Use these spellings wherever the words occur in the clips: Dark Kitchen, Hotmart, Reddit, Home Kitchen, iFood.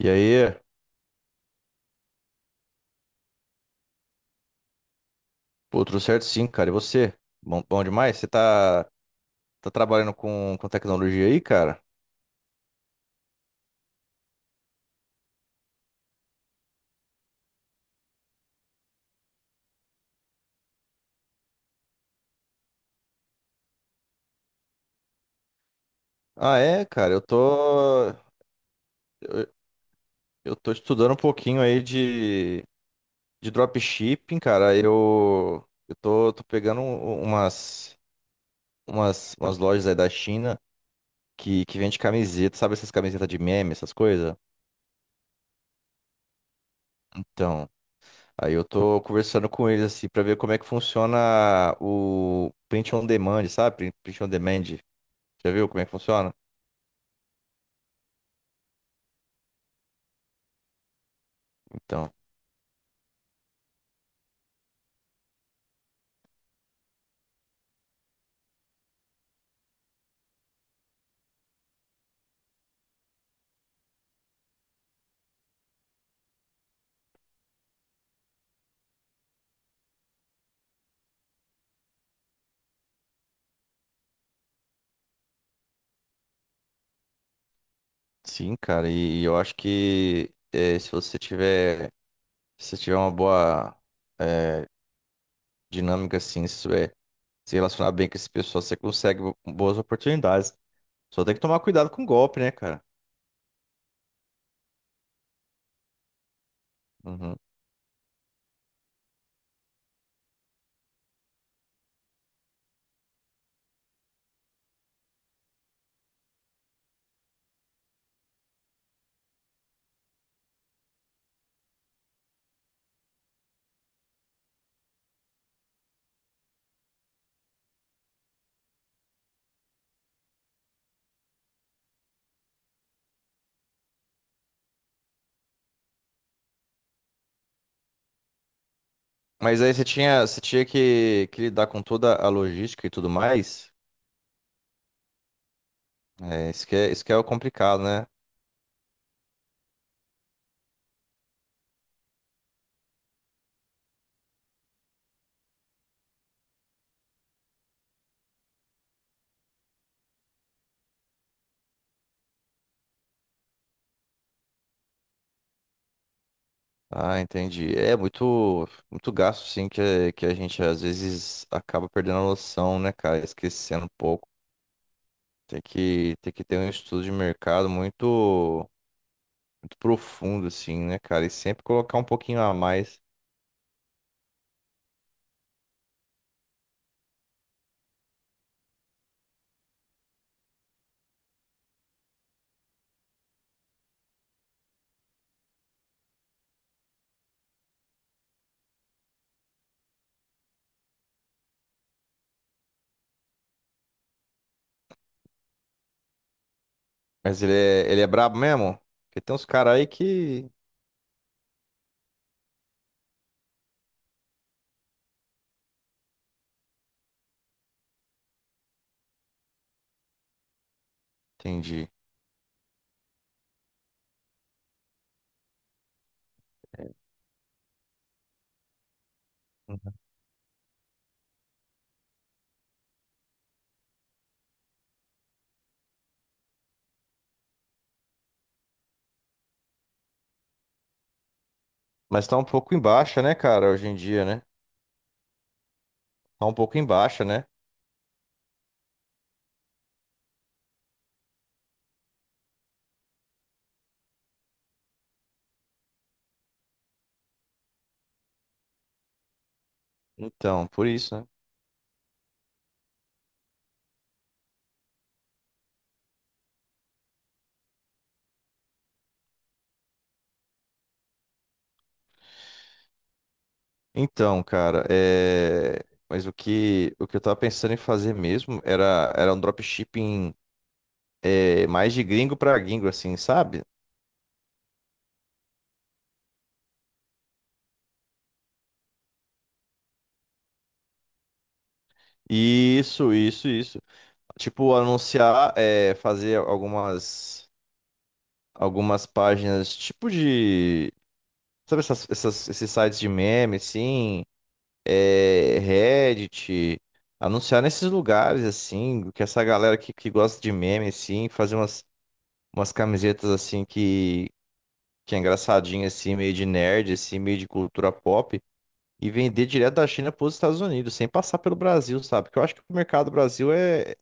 E aí? Pô, tudo certo sim, cara. E você? Bom, bom demais? Você tá, tá trabalhando com tecnologia aí, cara? Ah, é, cara. Eu tô estudando um pouquinho aí de dropshipping, cara. Eu tô, tô pegando umas, umas lojas aí da China que vende camiseta, sabe essas camisetas de meme, essas coisas? Então, aí eu tô conversando com eles assim pra ver como é que funciona o print on demand, sabe? Print on demand. Já viu como é que funciona? Então, sim, cara, e eu acho que se você tiver, se você tiver uma boa eh, dinâmica, assim, se souber se relacionar bem com esse pessoal, você consegue boas oportunidades. Só tem que tomar cuidado com o golpe, né, cara? Uhum. Mas aí você tinha que lidar com toda a logística e tudo mais. É, isso que é, isso que é o complicado, né? Ah, entendi. É muito, muito gasto, sim, que a gente às vezes acaba perdendo a noção, né, cara? Esquecendo um pouco. Tem que ter um estudo de mercado muito, muito profundo, assim, né, cara? E sempre colocar um pouquinho a mais. Mas ele é brabo mesmo? Porque tem uns caras aí que. Entendi. Uhum. Mas tá um pouco em baixa, né, cara, hoje em dia, né? Tá um pouco em baixa, né? Então, por isso, né? Então, cara, mas o que eu tava pensando em fazer mesmo era, era um dropshipping mais de gringo pra gringo, assim, sabe? Isso, isso, isso. Tipo, anunciar, é, fazer algumas, algumas páginas, tipo de. Sabe essas, esses sites de meme, assim? É, Reddit. Anunciar nesses lugares, assim, que essa galera que gosta de meme, assim, fazer umas, umas camisetas, assim, que é engraçadinha, assim, meio de nerd, assim, meio de cultura pop, e vender direto da China para os Estados Unidos, sem passar pelo Brasil, sabe? Porque eu acho que o mercado do Brasil é,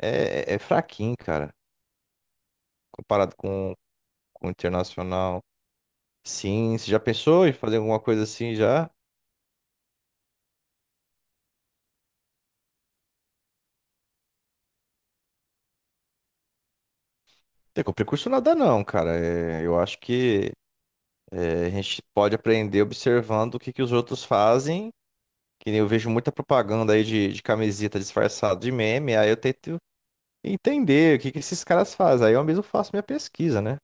é, é fraquinho, cara, comparado com internacional. Sim, você já pensou em fazer alguma coisa assim já? Tem com precurso nada não, cara. É, eu acho que é, a gente pode aprender observando o que, que os outros fazem. Que nem eu vejo muita propaganda aí de camiseta disfarçada de meme, aí eu tento entender o que, que esses caras fazem. Aí eu mesmo faço minha pesquisa, né?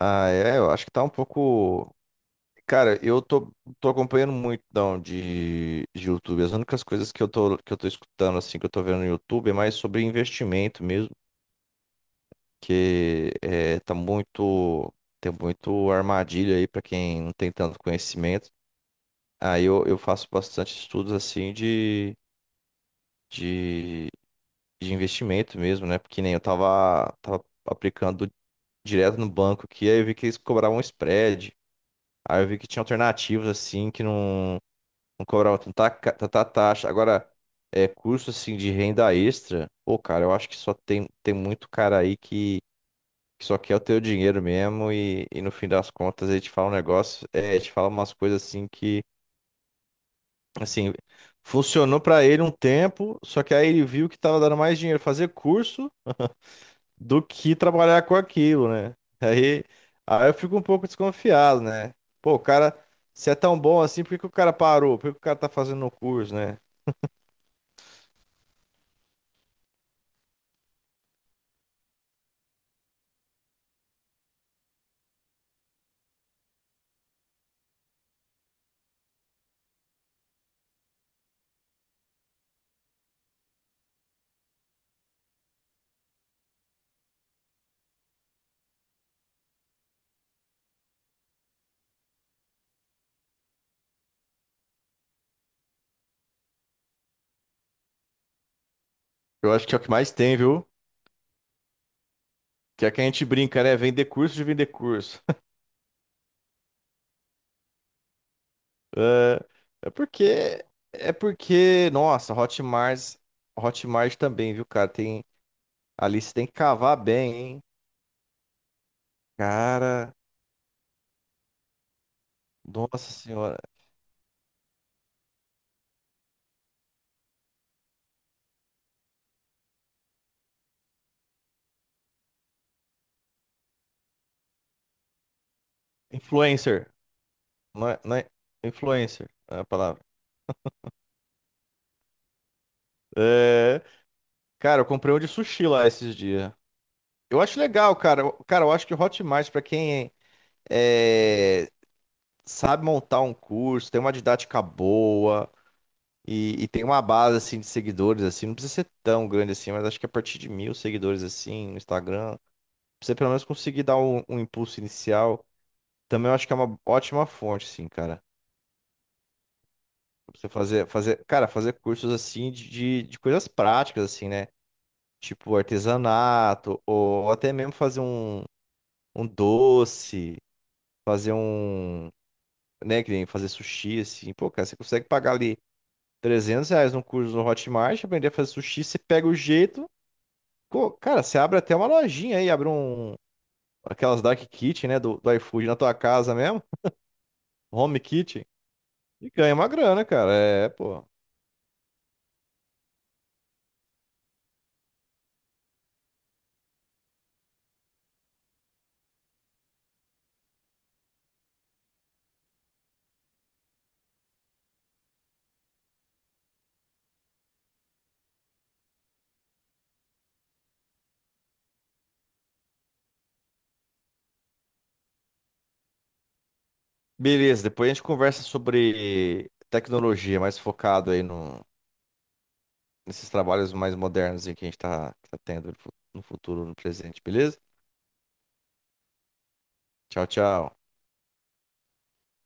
Ah, é, eu acho que tá um pouco. Cara, eu tô, tô acompanhando muito não, de YouTube. As únicas coisas que eu tô escutando, assim, que eu tô vendo no YouTube é mais sobre investimento mesmo que é, tá muito, tem muito armadilha aí para quem não tem tanto conhecimento. Aí eu faço bastante estudos assim de, de investimento mesmo, né? Porque nem eu tava, tava aplicando direto no banco aqui, aí eu vi que eles cobravam um spread. Aí eu vi que tinha alternativas assim que não, não cobravam tanta, tanta taxa. Agora, é curso assim de renda extra, pô, cara, eu acho que só tem, tem muito cara aí que só quer o teu dinheiro mesmo e no fim das contas ele te fala um negócio, é, ele te fala umas coisas assim que, assim, funcionou pra ele um tempo, só que aí ele viu que tava dando mais dinheiro fazer curso do que trabalhar com aquilo, né? Aí, aí eu fico um pouco desconfiado, né? Pô, o cara, se é tão bom assim, por que que o cara parou? Por que que o cara tá fazendo o curso, né? Eu acho que é o que mais tem, viu? Que é que a gente brinca, né? Vender curso de vender curso. É, é porque, é porque, nossa, Hotmart, Hotmart também, viu, cara? Tem, ali você tem que cavar bem, hein? Cara, nossa senhora. Influencer, não é, não é- influencer é a palavra. É, cara, eu comprei um de sushi lá esses dias. Eu acho legal, cara. Cara, eu acho que o Hotmart, pra quem é, sabe montar um curso, tem uma didática boa, e tem uma base assim de seguidores assim, não precisa ser tão grande assim, mas acho que a partir de 1.000 seguidores assim no Instagram, pra você pelo menos conseguir dar um, um impulso inicial. Também eu acho que é uma ótima fonte, assim, cara. Pra você fazer, fazer, cara, fazer cursos assim de coisas práticas, assim, né? Tipo artesanato, ou até mesmo fazer um, um doce, fazer um, né, que nem fazer sushi, assim. Pô, cara, você consegue pagar ali R$ 300 num curso no Hotmart, aprender a fazer sushi, você pega o jeito. Cara, você abre até uma lojinha aí, abre um. Aquelas Dark Kitchen, né? Do iFood na tua casa mesmo. Home Kitchen. E ganha uma grana, cara. É, pô. Beleza, depois a gente conversa sobre tecnologia, mais focado aí no, nesses trabalhos mais modernos aí que a gente tá, tá tendo no no futuro, no presente, beleza? Tchau, tchau.